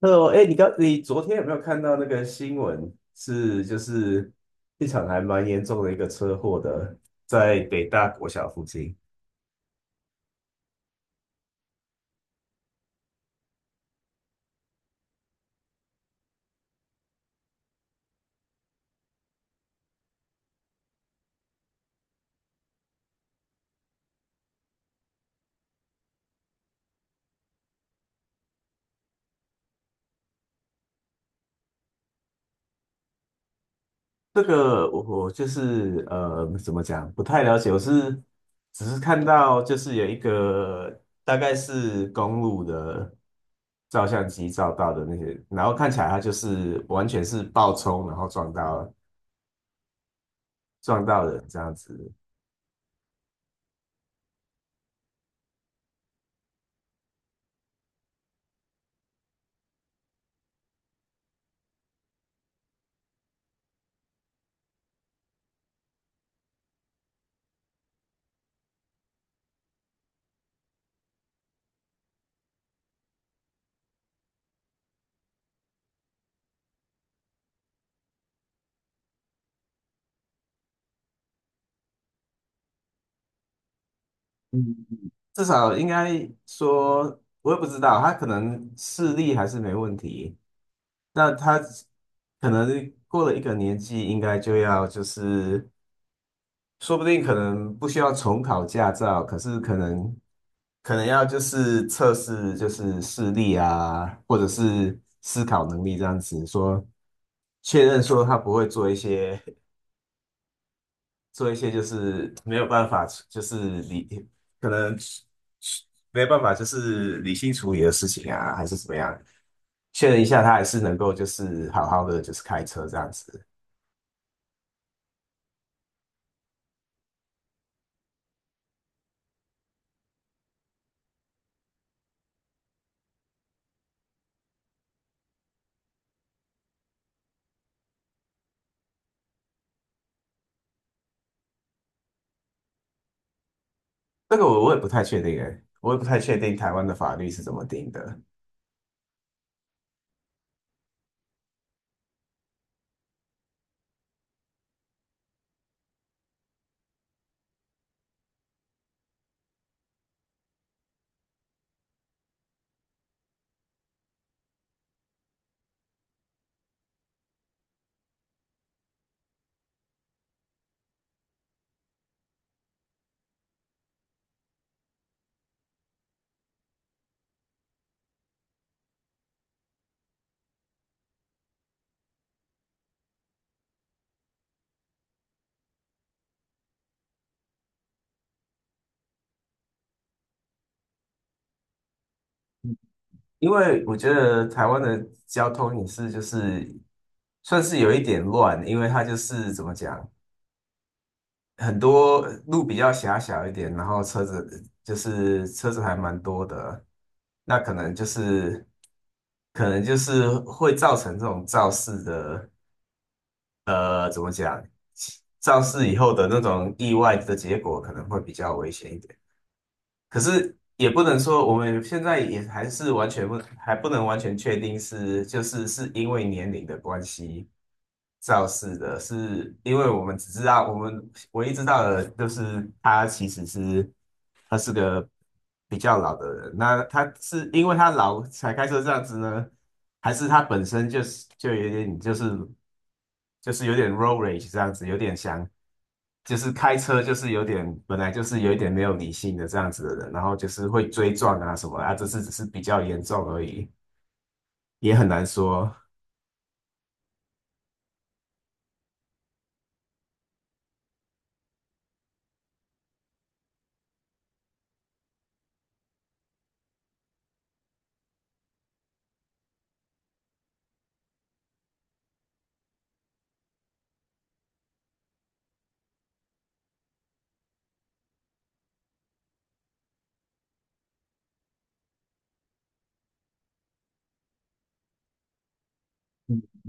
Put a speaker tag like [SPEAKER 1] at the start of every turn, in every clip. [SPEAKER 1] 哦，哎，你昨天有没有看到那个新闻？是，就是一场还蛮严重的一个车祸的，在北大国小附近。这个我就是怎么讲，不太了解。我是只是看到就是有一个大概是公路的照相机照到的那些，然后看起来它就是完全是爆冲，然后撞到人这样子。嗯。至少应该说，我也不知道，他可能视力还是没问题，那他可能过了一个年纪，应该就要就是，说不定可能不需要重考驾照，可是可能要就是测试就是视力啊，或者是思考能力这样子，说确认说他不会做一些。做一些就是没有办法，就是可能没有办法就是理性处理的事情啊，还是怎么样，确认一下他还是能够就是好好的就是开车这样子。这个我也不太确定诶，我也不太确定台湾的法律是怎么定的，因为我觉得台湾的交通也是就是算是有一点乱，因为它就是怎么讲。很多路比较狭小一点，然后车子还蛮多的，那可能就是会造成这种肇事以后的那种意外的结果，可能会比较危险一点。可是也不能说我们现在也还是完全不还不能完全确定是是因为年龄的关系肇事的，是因为我们只知道，我们唯一知道的就是他其实是，他是个比较老的人。那他是因为他老才开车这样子呢，还是他本身就是有点 road rage 这样子，有点想，就是开车就是有点本来就是有一点没有理性的这样子的人，然后就是会追撞啊什么啊，这次只是比较严重而已，也很难说。嗯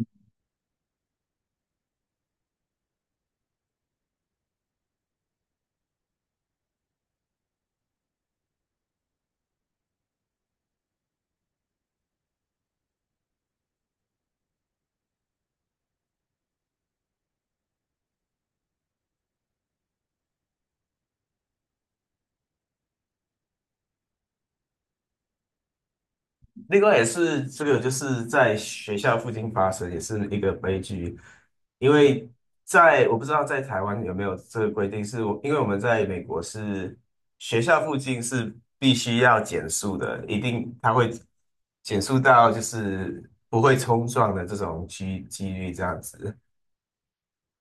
[SPEAKER 1] 另外也是这个就是在学校附近发生，也是一个悲剧。因为在我不知道在台湾有没有这个规定，因为我们在美国是学校附近是必须要减速的，一定它会减速到就是不会冲撞的这种几率这样子。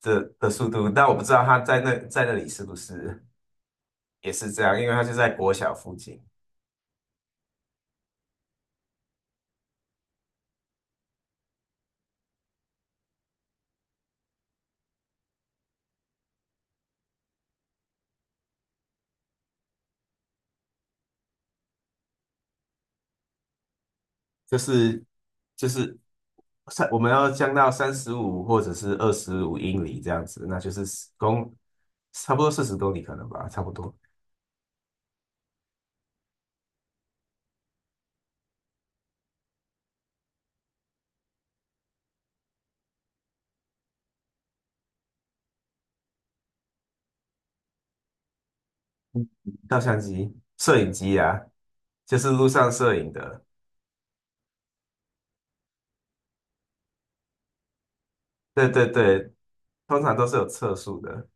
[SPEAKER 1] 这的速度，但我不知道他在那里是不是也是这样，因为他就在国小附近。就是就是我们要降到35或者是25英里这样子，那就是10差不多40公里可能吧，差不多。照相机、摄影机啊，就是路上摄影的。对对对，通常都是有测速的。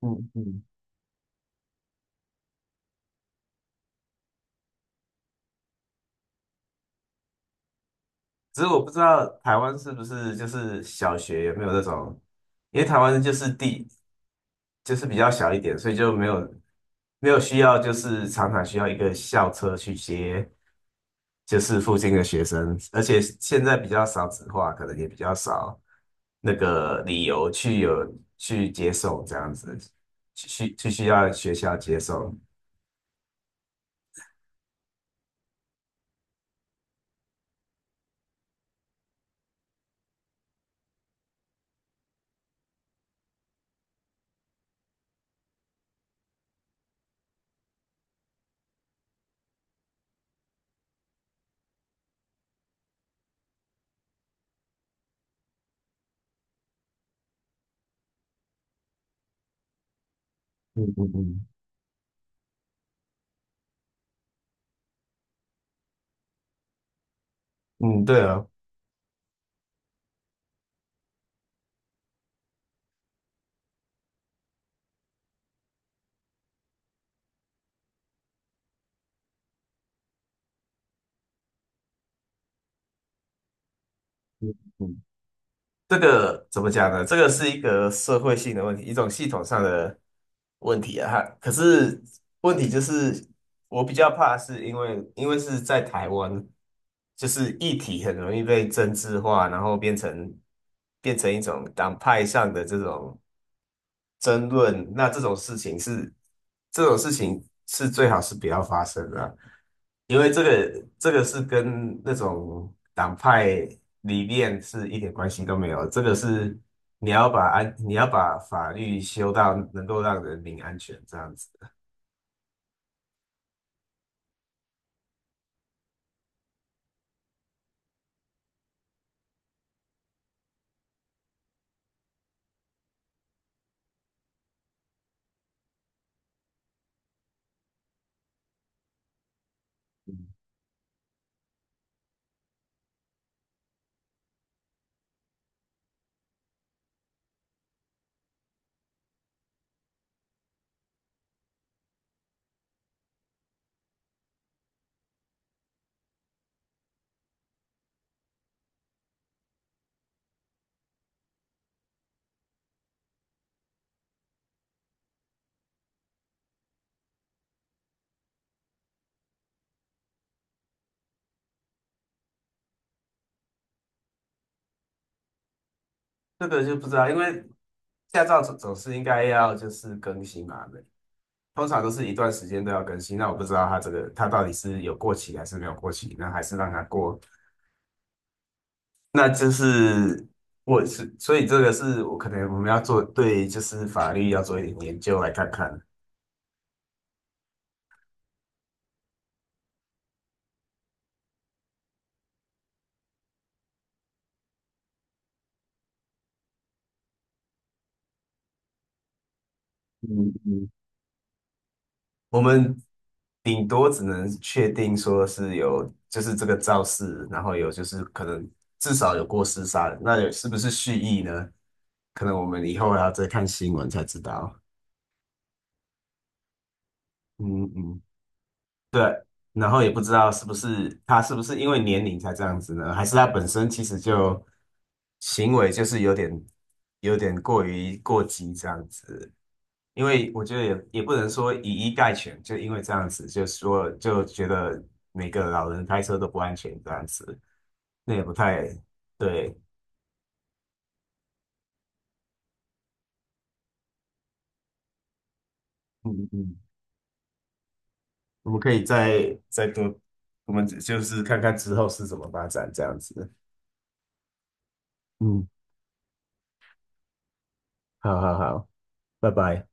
[SPEAKER 1] 嗯嗯。只是我不知道台湾是不是就是小学有没有那种，因为台湾就是地就是比较小一点，所以就没有需要就是常常需要一个校车去接就是附近的学生，而且现在比较少子化，可能也比较少那个理由去接送这样子，去需要学校接送。嗯嗯嗯嗯，对啊。嗯。这个怎么讲呢？这个是一个社会性的问题，一种系统上的问题啊。哈，可是问题就是，我比较怕是因为是在台湾，就是议题很容易被政治化，然后变成一种党派上的这种争论，那这种事情是最好是不要发生的啊，因为这个是跟那种党派理念是一点关系都没有，这个是你要把法律修到能够让人民安全这样子。这个就不知道，因为驾照总是应该要就是更新嘛，通常都是一段时间都要更新，那我不知道它这个它到底是有过期还是没有过期，那还是让它过，那就是我是，所以这个是我可能我们要做，对，就是法律要做一点研究来看看。嗯嗯，我们顶多只能确定说是有，就是这个肇事，然后有就是可能至少有过失杀人。那有是不是蓄意呢？可能我们以后还要再看新闻才知道。嗯嗯。对，然后也不知道他是不是因为年龄才这样子呢？还是他本身其实就行为就是有点过于过激这样子？因为我觉得也不能说以一概全，就因为这样子，就说就觉得每个老人开车都不安全这样子，那也不太对。嗯嗯嗯，我们可以再多，我们就是看看之后是怎么发展这样子。嗯，好好好，拜拜。